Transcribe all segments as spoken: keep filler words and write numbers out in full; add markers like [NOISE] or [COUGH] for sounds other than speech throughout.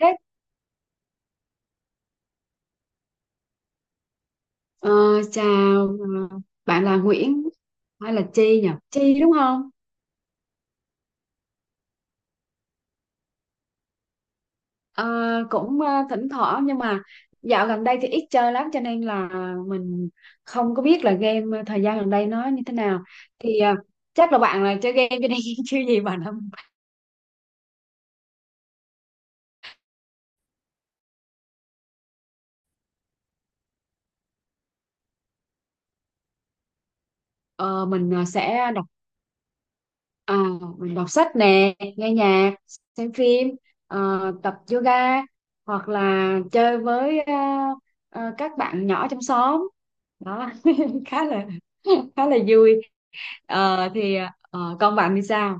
Thế, ờ, chào. ờ, Bạn là Nguyễn hay là Chi nhỉ? Chi đúng không? Ờ, cũng ờ, thỉnh thoảng, nhưng mà dạo gần đây thì ít chơi lắm, cho nên là mình không có biết là game ờ, thời gian gần đây nó như thế nào. Thì ờ, Chắc là bạn là chơi game cho nên [LAUGHS] chứ gì bạn không? Ờ, mình ờ, sẽ đọc, à, mình đọc sách nè, nghe nhạc, xem phim, ờ, tập yoga, hoặc là chơi với ờ, ờ, các bạn nhỏ trong xóm đó, [LAUGHS] khá là khá là vui. Ờ, thì ờ, con bạn thì sao?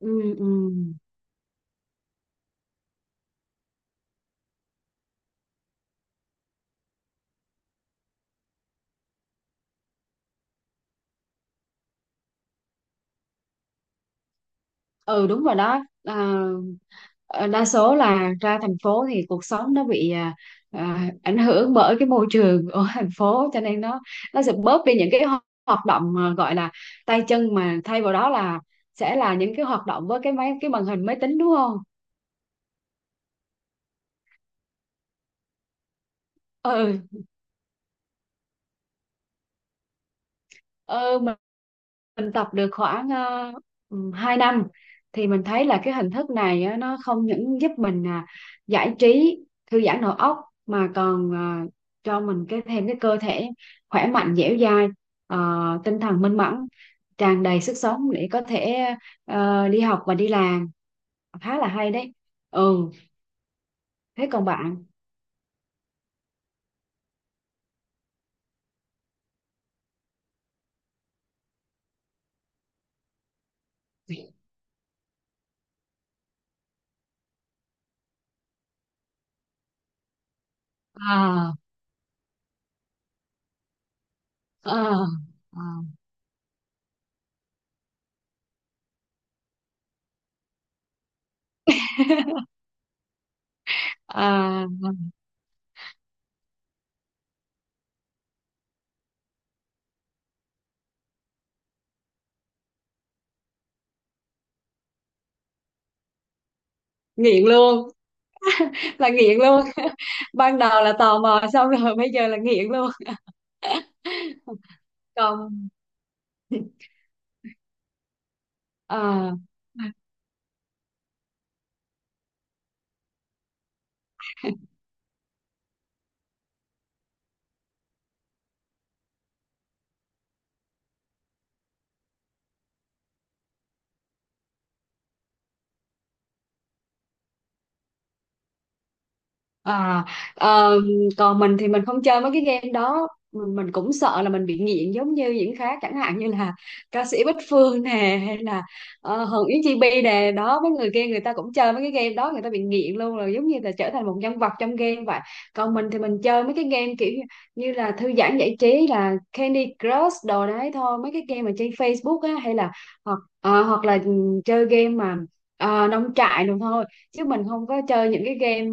Ừ, ừ. Ừ, đúng rồi đó. À, ờ, đa số là ra thành phố thì cuộc sống nó bị à, à, ảnh hưởng bởi cái môi trường [LAUGHS] ở thành phố, cho nên nó nó sẽ bớt đi những cái ho- hoạt động mà gọi là tay chân, mà thay vào đó là sẽ là những cái hoạt động với cái máy, cái màn hình máy tính, đúng không? Ừ. Ờ, mình, mình tập được khoảng uh, hai năm, thì mình thấy là cái hình thức này á, nó không những giúp mình à, giải trí, thư giãn đầu óc, mà còn à, cho mình cái thêm cái cơ thể khỏe mạnh, dẻo dai, ờ, tinh thần minh mẫn, tràn đầy sức sống để có thể ờ, đi học và đi làm. Khá là hay đấy. Ừ, thế còn bạn? À, à, à, à, nghiện luôn. Là nghiện luôn. [LAUGHS] Ban đầu là tò mò xong rồi [LAUGHS] bây giờ là nghiện luôn. [LAUGHS] còn à, À, ờ, Còn mình thì mình không chơi mấy cái game đó. Mình, mình cũng sợ là mình bị nghiện giống như những khác, chẳng hạn như là ca sĩ Bích Phương nè, hay là uh, Hồng Yến, Chi Bi nè đó. Mấy người kia, người ta cũng chơi mấy cái game đó, người ta bị nghiện luôn rồi, giống như là trở thành một nhân vật trong game vậy. Còn mình thì mình chơi mấy cái game kiểu như như là thư giãn, giải trí, là Candy Crush đồ đấy thôi, mấy cái game mà trên Facebook á, hay là hoặc ờ, hoặc là ừ, chơi game mà ờ, nông trại đồ thôi, chứ mình không có chơi những cái game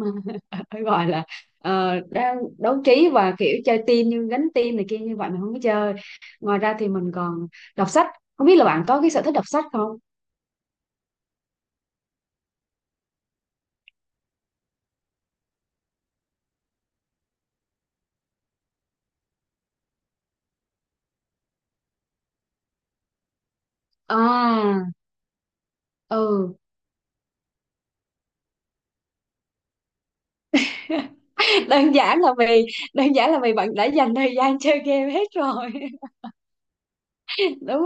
phải gọi là ờ, đang đấu trí và kiểu chơi team như gánh team này kia. Như vậy mình không có chơi. Ngoài ra thì mình còn đọc sách. Không biết là bạn có cái sở thích đọc sách không? À, ừ. [LAUGHS] Đơn giản là vì đơn giản là vì bạn đã dành thời gian chơi game hết rồi. [LAUGHS] Đúng.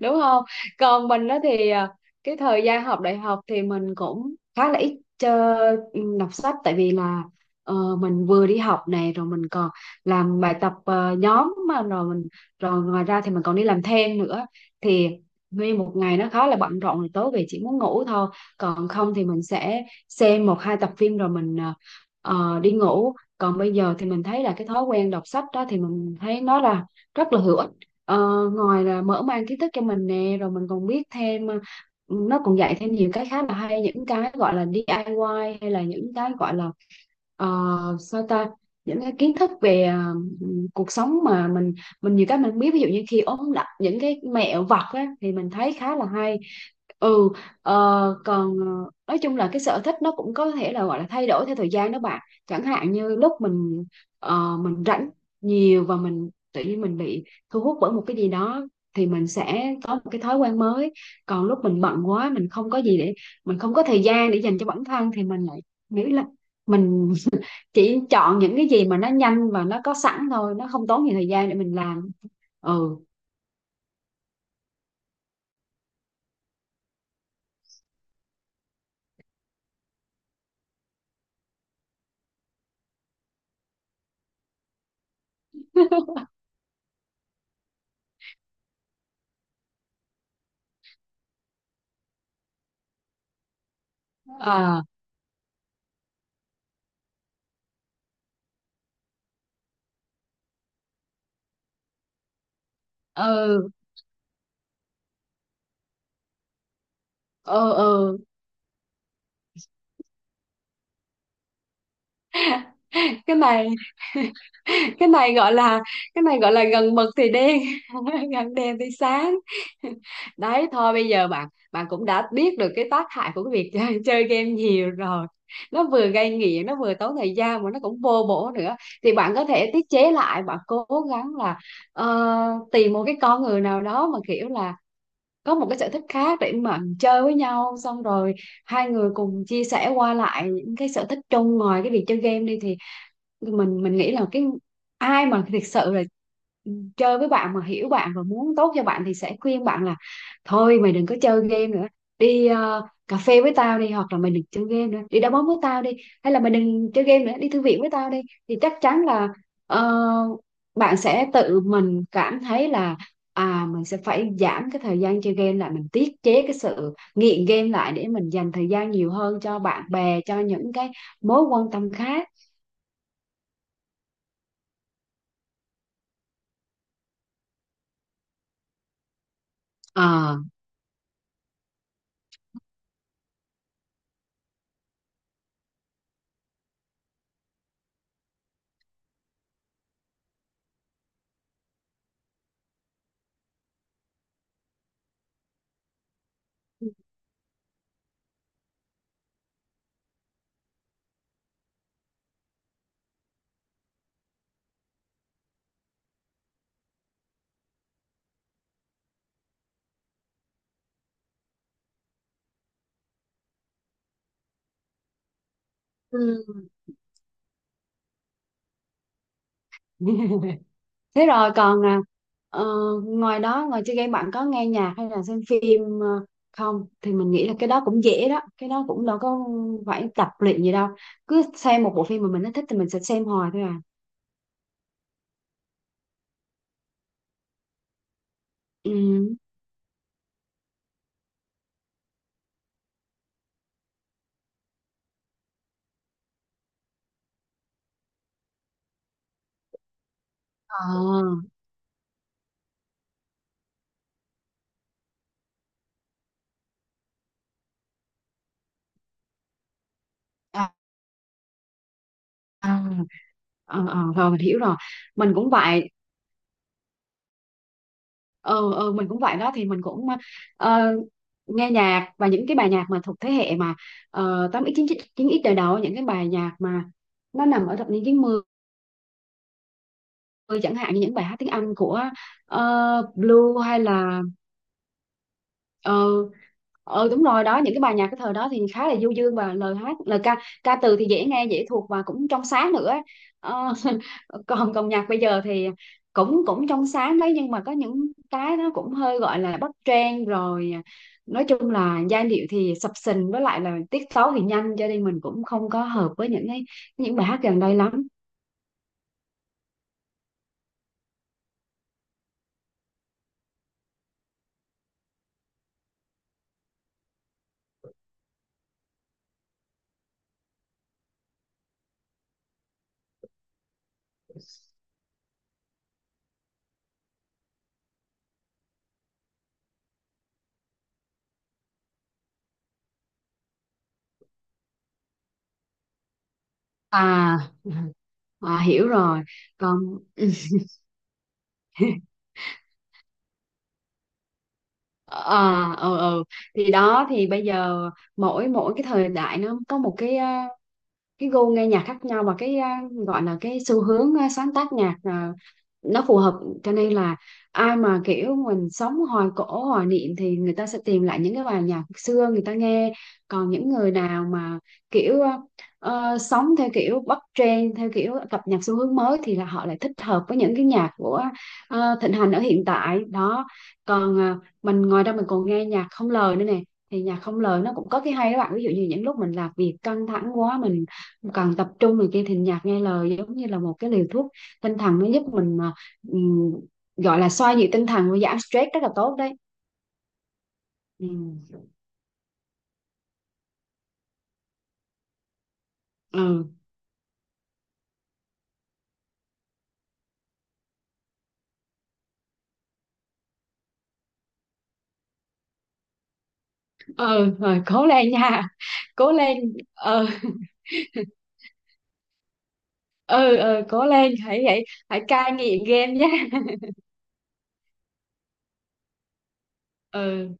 Đúng không? Còn mình đó thì à, cái thời gian học đại học thì mình cũng khá là ít chơi ừ, đọc sách, tại vì là ờ, mình vừa đi học này, rồi mình còn làm bài tập ờ, nhóm mà, rồi mình rồi ngoài ra thì mình còn đi làm thêm nữa, thì nguyên một ngày nó khá là bận rộn rồi, tối về chỉ muốn ngủ thôi, còn không thì mình sẽ xem một hai tập phim rồi mình ờ, ờ, đi ngủ. Còn bây giờ thì mình thấy là cái thói quen đọc sách đó thì mình thấy nó là rất là hữu. Ờ, ngoài là mở mang kiến thức cho mình nè, rồi mình còn biết thêm ờ, nó còn dạy thêm nhiều cái khá là hay, những cái gọi là đi ai qui hay là những cái gọi là ờ, sao ta, những cái kiến thức về ờ, cuộc sống mà mình mình nhiều cái mình không biết, ví dụ như khi ốm đặt những cái mẹo vặt á, thì mình thấy khá là hay. Ừ. ờ, Còn ờ, nói chung là cái sở thích nó cũng có thể là gọi là thay đổi theo thời gian đó bạn. Chẳng hạn như lúc mình ờ, mình rảnh nhiều, và mình tự nhiên mình bị thu hút bởi một cái gì đó, thì mình sẽ có một cái thói quen mới. Còn lúc mình bận quá, mình không có gì để mình không có thời gian để dành cho bản thân, thì mình lại nghĩ là mình chỉ chọn những cái gì mà nó nhanh và nó có sẵn thôi, nó không tốn nhiều thời gian để mình làm. Ừ. À, ừ. Ừ. Ừ. Cái này [LAUGHS] cái này gọi là cái này gọi là gần mực thì đen, [LAUGHS] gần đèn thì sáng. [LAUGHS] Đấy thôi, bây giờ bạn bạn cũng đã biết được cái tác hại của cái việc chơi, [LAUGHS] chơi game nhiều rồi. Nó vừa gây nghiện, nó vừa tốn thời gian, mà nó cũng vô bổ nữa. Thì bạn có thể tiết chế lại, bạn cố gắng là ờ, tìm một cái con người nào đó mà kiểu là có một cái sở thích khác để mà chơi với nhau, xong rồi hai người cùng chia sẻ qua lại những cái sở thích chung ngoài cái việc chơi game đi, thì mình mình nghĩ là cái ai mà thực sự là chơi với bạn mà hiểu bạn và muốn tốt cho bạn thì sẽ khuyên bạn là thôi mày đừng có chơi game nữa, đi ờ, cà phê với tao đi, hoặc là mày đừng chơi game nữa đi đá bóng với tao đi, hay là mày đừng chơi game nữa đi thư viện với tao đi. Thì chắc chắn là ờ, bạn sẽ tự mình cảm thấy là à mình sẽ phải giảm cái thời gian chơi game lại, mình tiết chế cái sự nghiện game lại để mình dành thời gian nhiều hơn cho bạn bè, cho những cái mối quan tâm khác. Ờ. Ừ. [LAUGHS] Thế rồi còn à, ờ, ngoài đó, ngoài chơi game bạn có nghe nhạc hay là xem phim ờ, không? Thì mình nghĩ là cái đó cũng dễ đó, cái đó cũng đâu có phải tập luyện gì đâu, cứ xem một bộ phim mà mình nó thích thì mình sẽ xem hoài thôi à. Ừ. Ờ. à, à, ờ, ờ, Rồi mình hiểu rồi, mình cũng vậy. ờ, ờ, mình cũng vậy đó, thì mình cũng ờ, nghe nhạc, và những cái bài nhạc mà thuộc thế hệ mà uh, tám ích, chín x, chín đời đầu, những cái bài nhạc mà nó nằm ở thập niên chín mươi, chẳng hạn như những bài hát tiếng Anh của ờ, Blue hay là ờ ờ, đúng rồi đó. Những cái bài nhạc cái thời đó thì khá là du dương, và lời hát, lời ca, ca từ thì dễ nghe, dễ thuộc, và cũng trong sáng nữa. Ờ, [LAUGHS] còn còn nhạc bây giờ thì cũng cũng trong sáng đấy, nhưng mà có những cái nó cũng hơi gọi là bắt trend rồi, nói chung là giai điệu thì sập sình, với lại là tiết tấu thì nhanh, cho nên mình cũng không có hợp với những cái những bài hát gần đây lắm. À, à hiểu rồi. Còn ờ ờ ờ thì đó, thì bây giờ mỗi mỗi cái thời đại nó có một cái cái gu nghe nhạc khác nhau, và cái à, gọi là cái xu hướng à, sáng tác nhạc à, nó phù hợp, cho nên là ai mà kiểu mình sống hoài cổ, hoài niệm thì người ta sẽ tìm lại những cái bài nhạc xưa người ta nghe. Còn những người nào mà kiểu ờ, sống theo kiểu bắt trend, theo kiểu cập nhật xu hướng mới thì là họ lại thích hợp với những cái nhạc của ờ, thịnh hành ở hiện tại đó. Còn à, mình ngoài ra mình còn nghe nhạc không lời nữa nè. Thì nhạc không lời nó cũng có cái hay đó bạn, ví dụ như những lúc mình làm việc căng thẳng quá, mình còn tập trung này kia, thì nhạc nghe lời giống như là một cái liều thuốc tinh thần, nó giúp mình mà ừm, gọi là xoa dịu tinh thần và giảm stress rất là tốt đấy. Ừ. Ừ. Ừ, rồi cố lên nha. [LAUGHS] Cố lên. Ừ. [LAUGHS] Ừ, ừ, cố lên, hãy vậy, hãy cai nghiện game nhé. [LAUGHS] Ừ.